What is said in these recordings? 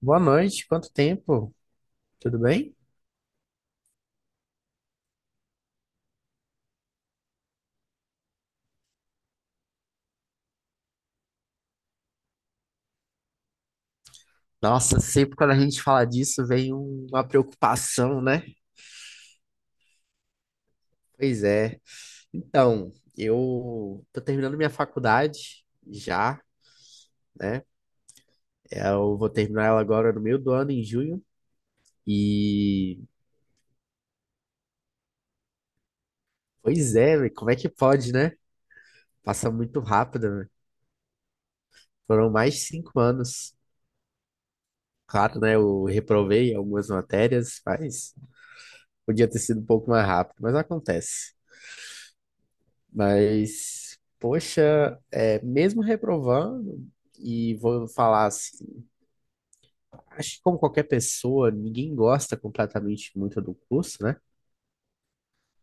Boa noite, quanto tempo? Tudo bem? Nossa, sempre quando a gente fala disso vem uma preocupação, né? Pois é. Então, eu tô terminando minha faculdade já, né? Eu vou terminar ela agora no meio do ano, em junho. E, pois é, velho, como é que pode, né? Passa muito rápido, né? Foram mais de 5 anos. Claro, né? Eu reprovei algumas matérias, mas podia ter sido um pouco mais rápido, mas acontece. Mas, poxa, mesmo reprovando, e vou falar assim, acho que como qualquer pessoa, ninguém gosta completamente muito do curso, né?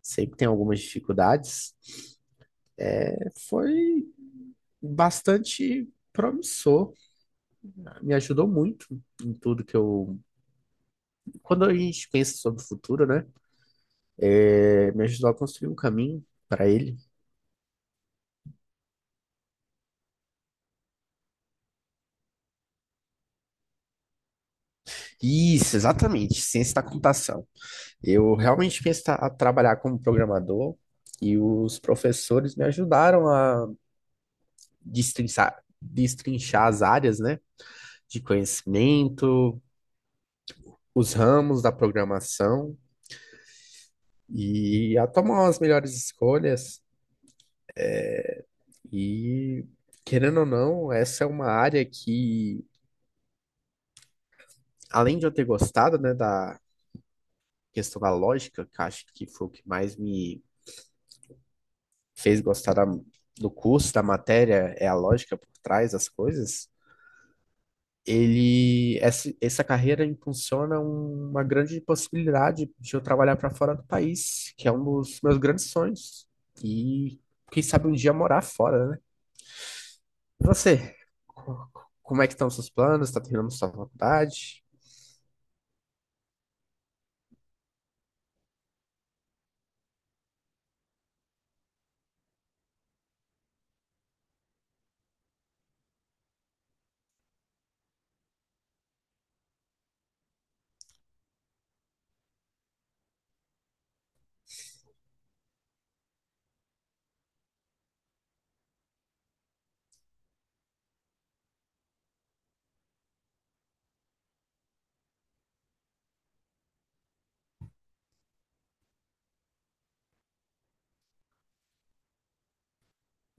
Sempre tem algumas dificuldades. Foi bastante promissor, tá? Me ajudou muito em tudo que eu. Quando a gente pensa sobre o futuro, né? Me ajudou a construir um caminho para ele. Isso, exatamente, ciência da computação. Eu realmente quis tra- a trabalhar como programador e os professores me ajudaram a destrinchar as áreas, né, de conhecimento, os ramos da programação e a tomar as melhores escolhas. E, querendo ou não, essa é uma área que, além de eu ter gostado, né, da questão da lógica, que eu acho que foi o que mais me fez gostar do curso, da matéria, é a lógica por trás das coisas. Ele essa carreira impulsiona uma grande possibilidade de eu trabalhar para fora do país, que é um dos meus grandes sonhos. E quem sabe um dia morar fora, né? E você, Co- como é que estão os seus planos? Está terminando sua faculdade?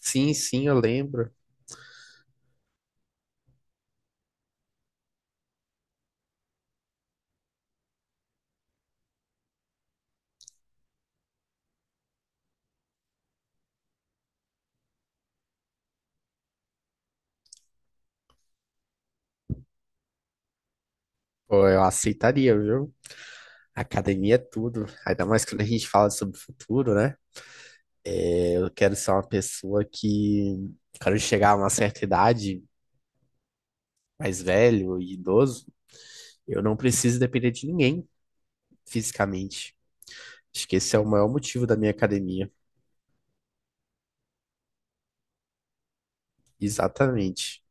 Sim, sim, eu lembro. Pô, eu aceitaria, viu? Academia é tudo. Ainda mais quando a gente fala sobre o futuro, né? É, eu quero ser uma pessoa que. Quando chegar a uma certa idade mais velho e idoso, eu não preciso depender de ninguém fisicamente. Acho que esse é o maior motivo da minha academia. Exatamente,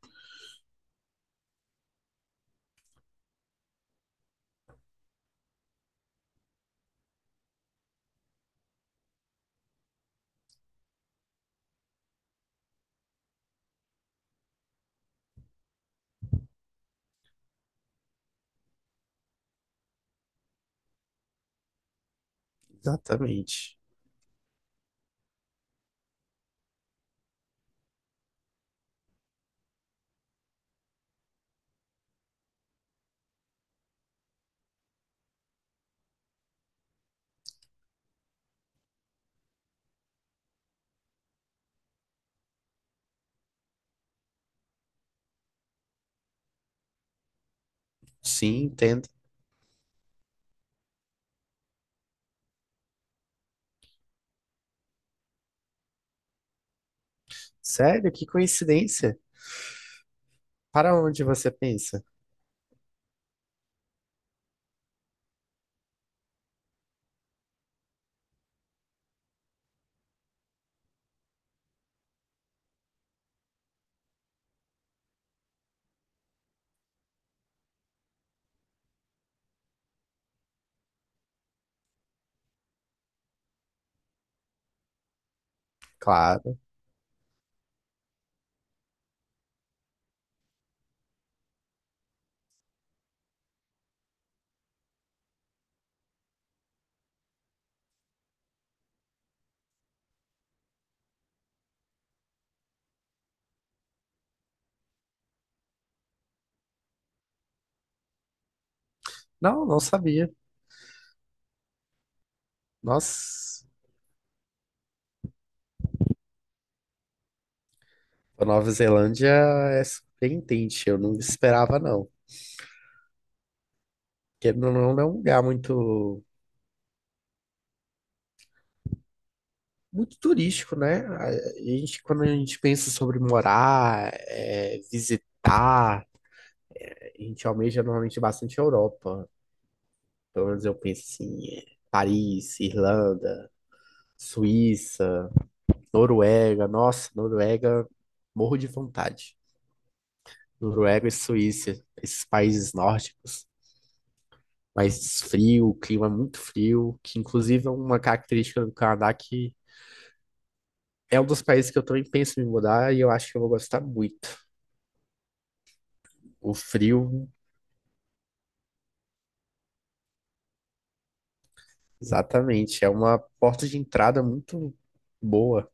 exatamente. Sim, entendo. Sério, que coincidência. Para onde você pensa? Claro. Não, não sabia. Nossa, a Nova Zelândia é surpreendente. Eu não esperava, não. Porque não é um lugar muito, muito turístico, né? Quando a gente pensa sobre morar, é, visitar, a gente almeja normalmente bastante a Europa. Pelo menos eu penso assim, é, Paris, Irlanda, Suíça, Noruega. Nossa, Noruega, morro de vontade. Noruega e Suíça, esses países nórdicos, mais frio, clima é muito frio, que inclusive é uma característica do Canadá que é um dos países que eu também penso em me mudar e eu acho que eu vou gostar muito. O frio, exatamente, é uma porta de entrada muito boa.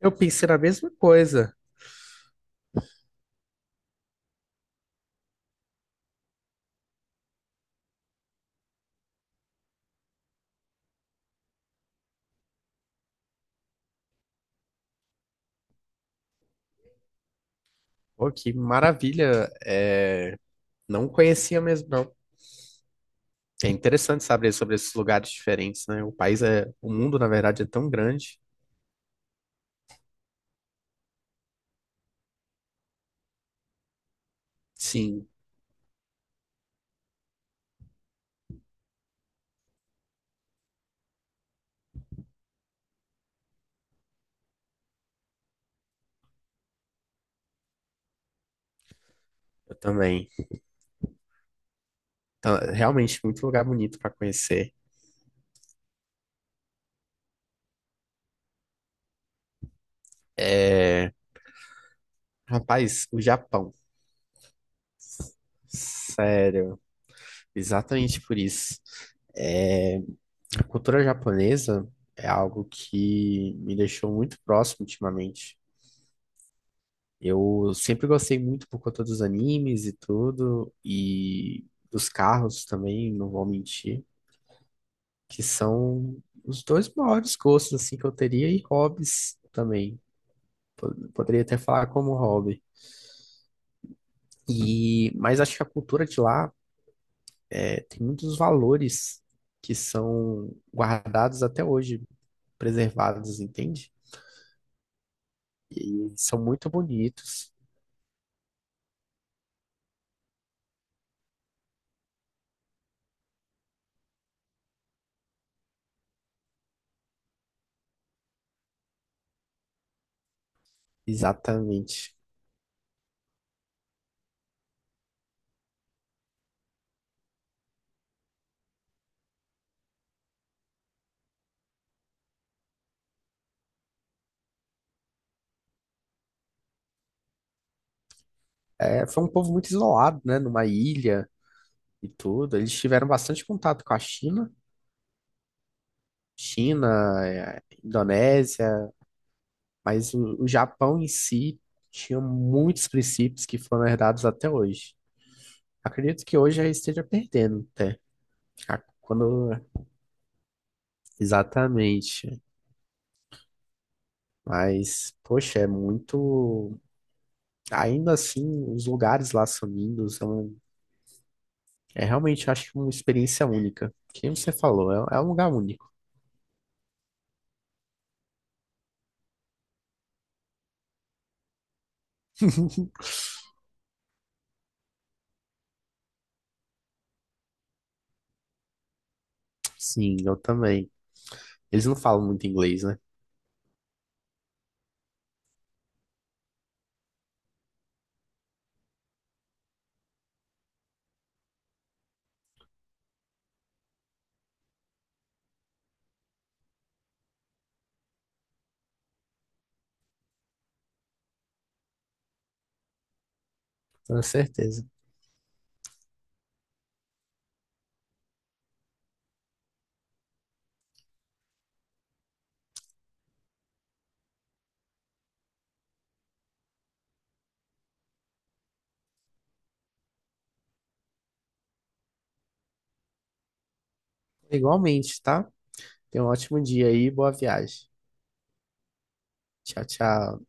Eu pensei na mesma coisa. Pô, que maravilha. Não conhecia mesmo, não. É interessante saber sobre esses lugares diferentes, né? O país é, o mundo, na verdade, é tão grande. Sim, eu também. Então, é realmente, muito lugar bonito para conhecer. É, rapaz, o Japão. Sério, exatamente por isso. É, a cultura japonesa é algo que me deixou muito próximo ultimamente. Eu sempre gostei muito por conta dos animes e tudo, e dos carros também, não vou mentir, que são os dois maiores gostos assim que eu teria e hobbies também. Poderia até falar como hobby. E mas acho que a cultura de lá é, tem muitos valores que são guardados até hoje, preservados, entende? E são muito bonitos, exatamente. É, foi um povo muito isolado, né? Numa ilha e tudo. Eles tiveram bastante contato com a China, China, Indonésia, mas o Japão em si tinha muitos princípios que foram herdados até hoje. Acredito que hoje já esteja perdendo até. Quando... Exatamente. Mas, poxa, é muito. Ainda assim, os lugares lá são lindos. É realmente, eu acho, que uma experiência única. Quem você falou, é um lugar único. Sim, eu também. Eles não falam muito inglês, né? Com certeza. Igualmente, tá? Tenha um ótimo dia aí, boa viagem. Tchau, tchau.